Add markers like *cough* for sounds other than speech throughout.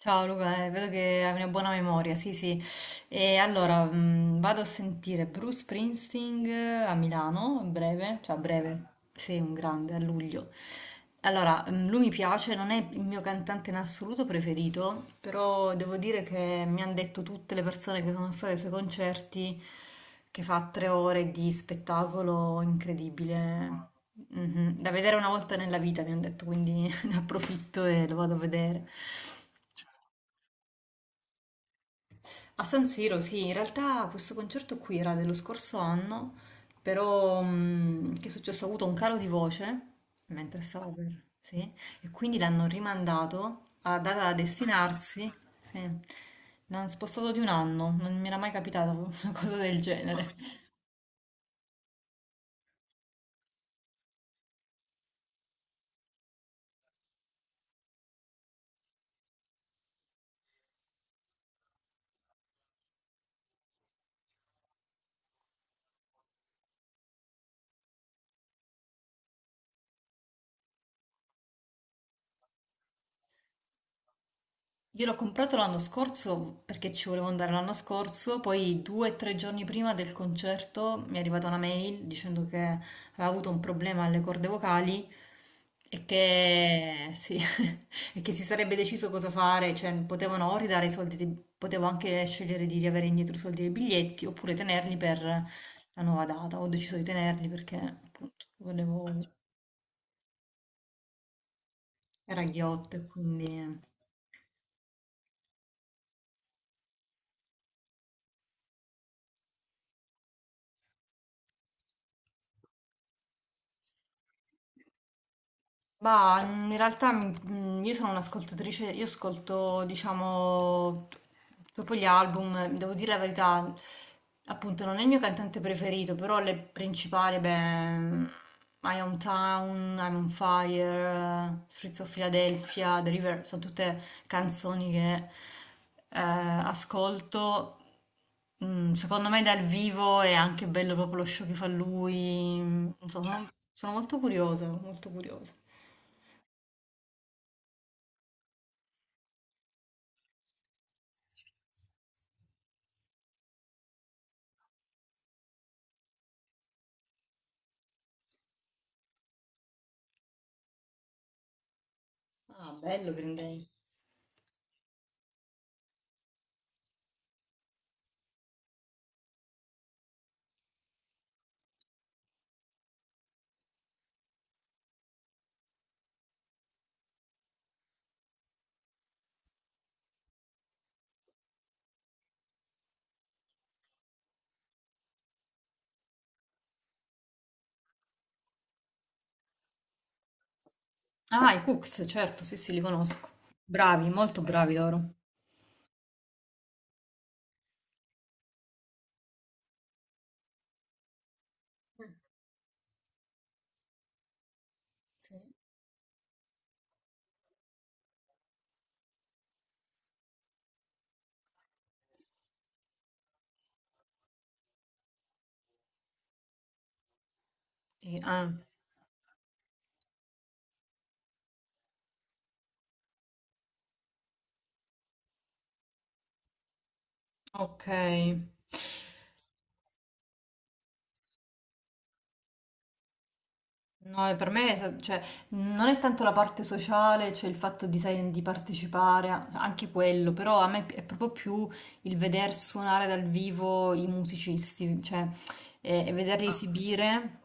Ciao Luca, vedo che hai una buona memoria, sì, sì. E allora, vado a sentire Bruce Springsteen a Milano, a breve, cioè a breve, sì, un grande, a luglio. Allora, lui mi piace, non è il mio cantante in assoluto preferito, però devo dire che mi hanno detto tutte le persone che sono state ai suoi concerti che fa 3 ore di spettacolo incredibile. Mhm. Da vedere una volta nella vita, mi hanno detto, quindi *laughs* ne approfitto e lo vado a vedere. A San Siro, sì, in realtà questo concerto qui era dello scorso anno, però che è successo? Ho avuto un calo di voce mentre stavo per... sì, e quindi l'hanno rimandato a data da destinarsi, sì. L'hanno spostato di un anno, non mi era mai capitata *laughs* una cosa del genere. Io l'ho comprato l'anno scorso perché ci volevo andare l'anno scorso, poi 2 o 3 giorni prima del concerto mi è arrivata una mail dicendo che aveva avuto un problema alle corde vocali e che, sì, *laughs* e che si sarebbe deciso cosa fare, cioè potevano o ridare i soldi, potevo anche scegliere di riavere indietro i soldi dei biglietti oppure tenerli per la nuova data. Ho deciso di tenerli perché appunto volevo, era ghiotto e quindi... Bah, in realtà io sono un'ascoltatrice, io ascolto, diciamo, proprio gli album, devo dire la verità, appunto non è il mio cantante preferito, però le principali, beh, My Hometown, I'm on Fire, Streets of Philadelphia, The River, sono tutte canzoni che ascolto. Secondo me dal vivo è anche bello proprio lo show che fa lui, non so, sono molto curiosa, molto curiosa. Ah, i Cooks, certo, sì, sì, li conosco. Bravi, molto bravi loro. Mm. Sì. E- ah, ok. No, e per me cioè, non è tanto la parte sociale, cioè il fatto di, sai, di partecipare, anche quello, però a me è proprio più il veder suonare dal vivo i musicisti, cioè e vederli ah, esibire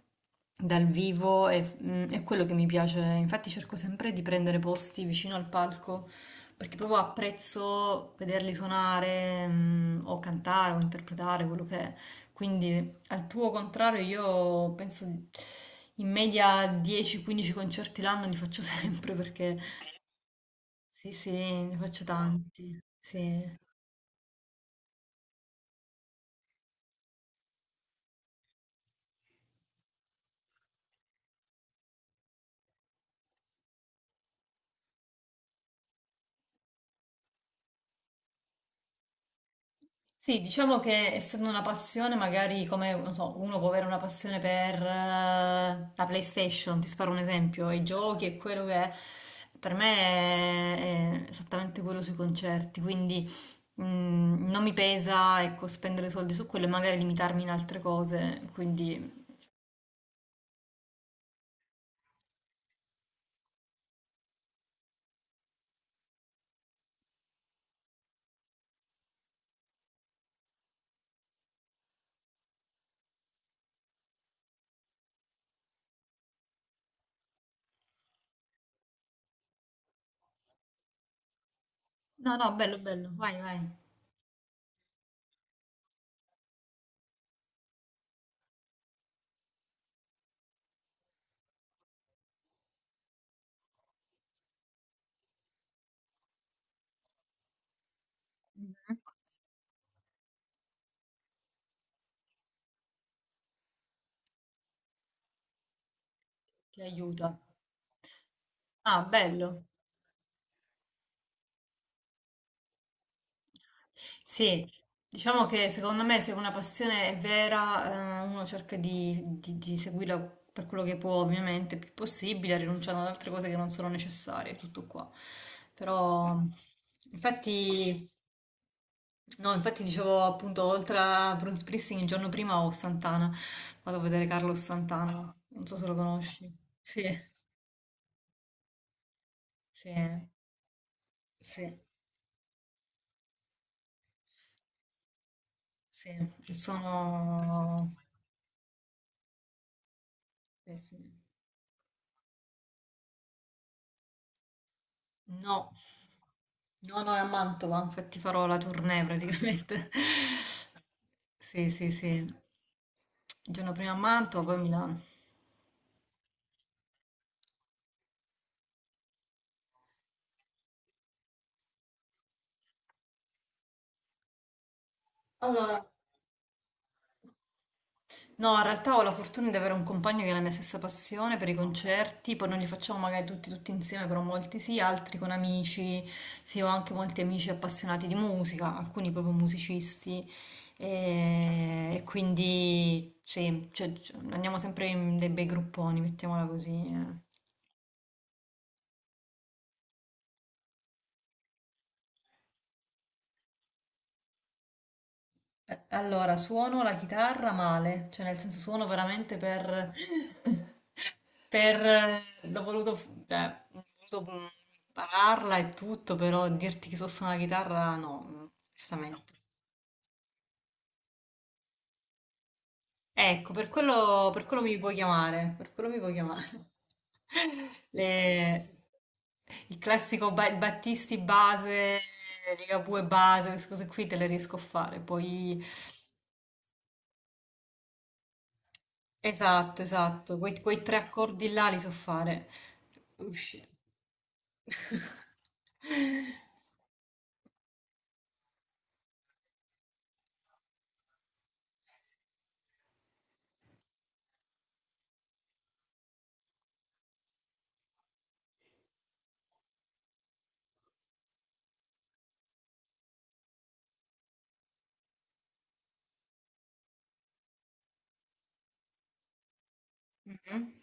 dal vivo è, è quello che mi piace. Infatti cerco sempre di prendere posti vicino al palco, perché proprio apprezzo vederli suonare, o cantare o interpretare quello che è. Quindi al tuo contrario, io penso in media 10-15 concerti l'anno li faccio *laughs* sempre perché sì, sì, ne faccio tanti. Sì. Sì, diciamo che essendo una passione, magari come non so, uno può avere una passione per la PlayStation, ti sparo un esempio, i giochi e quello che è. Per me è esattamente quello sui concerti, quindi non mi pesa, ecco, spendere soldi su quello e magari limitarmi in altre cose, quindi no, no, bello, bello, vai, vai. Mhm. Ti aiuta. Ah, bello. Sì, diciamo che secondo me se una passione è vera, uno cerca di, di seguirla per quello che può, ovviamente, il più possibile, rinunciando ad altre cose che non sono necessarie, tutto qua. Però, infatti, no, infatti dicevo appunto, oltre a Bruce Springsteen, il giorno prima ho Santana. Vado a vedere Carlos Santana, non so se lo conosci. Sì, sì, sì. Sì, sono... eh, sì. No, no, no, è a Mantova, infatti farò la tournée praticamente. *laughs* Sì, sì, sì. Il giorno prima a Mantova, poi a Milano. Allora, no, in realtà ho la fortuna di avere un compagno che ha la mia stessa passione per i concerti, poi non li facciamo magari tutti, tutti insieme, però molti sì, altri con amici, sì, ho anche molti amici appassionati di musica, alcuni proprio musicisti, e quindi sì, cioè, andiamo sempre in dei bei grupponi, mettiamola così. Eh. Allora, suono la chitarra male, cioè nel senso suono veramente per... *laughs* per... l'ho voluto, cioè, ho voluto impararla e tutto, però dirti che so suonare la chitarra no, onestamente. Ecco, per quello mi puoi chiamare, per quello mi puoi chiamare. *laughs* Le- il classico Battisti base, Ligabue base, queste cose qui te le riesco a fare, poi... Esatto, esatto, quei, quei 3 accordi là li so fare. Usci. *laughs* Mhm.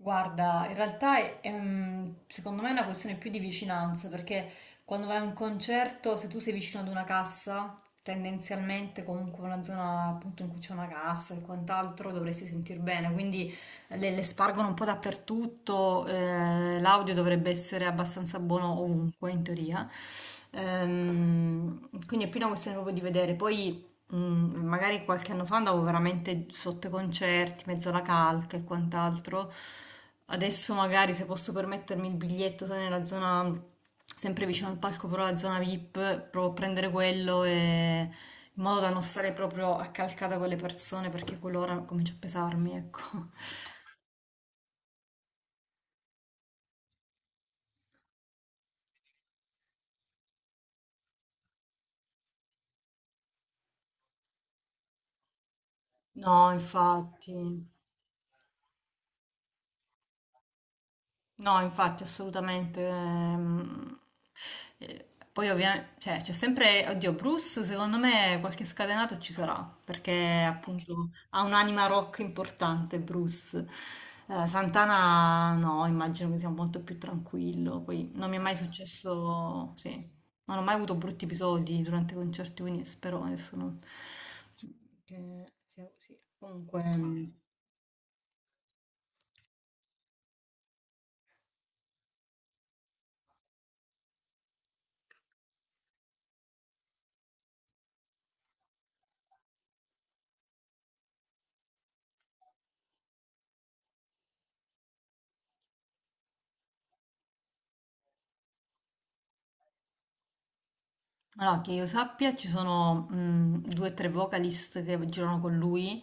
Guarda, in realtà è secondo me è una questione più di vicinanza, perché quando vai a un concerto, se tu sei vicino ad una cassa, tendenzialmente comunque una zona appunto in cui c'è una cassa e quant'altro dovresti sentir bene, quindi le spargono un po' dappertutto, l'audio dovrebbe essere abbastanza buono ovunque in teoria. Quindi è più una questione proprio di vedere. Poi magari qualche anno fa andavo veramente sotto i concerti, mezzo alla calca e quant'altro. Adesso magari se posso permettermi il biglietto sono nella zona sempre vicino al palco, però la zona VIP, provo a prendere quello in modo da non stare proprio accalcata con le persone perché quell'ora comincia a pesarmi, ecco. *laughs* No, infatti. No, infatti, assolutamente. Eh, Poi ovviamente, cioè, c'è sempre, oddio, Bruce, secondo me qualche scatenato ci sarà, perché appunto ha un'anima rock importante, Bruce. Santana, no, immagino che sia molto più tranquillo. Poi non mi è mai successo, sì, non ho mai avuto brutti episodi durante i concerti, quindi spero adesso non... che sia così. Comunque... Allora, che io sappia, ci sono 2 o 3 vocalist che girano con lui,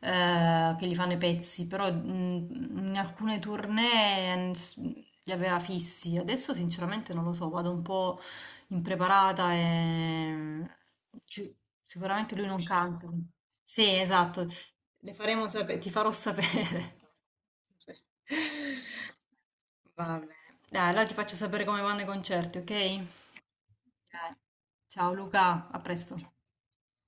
che gli fanno i pezzi, però in alcune tournée li aveva fissi. Adesso sinceramente non lo so, vado un po' impreparata e ci- sicuramente lui non canta. Sì, esatto, le faremo sapere, ti farò sapere. *laughs* Va bene. Dai, allora ti faccio sapere come vanno i concerti, ok? Eh, ciao Luca, a presto.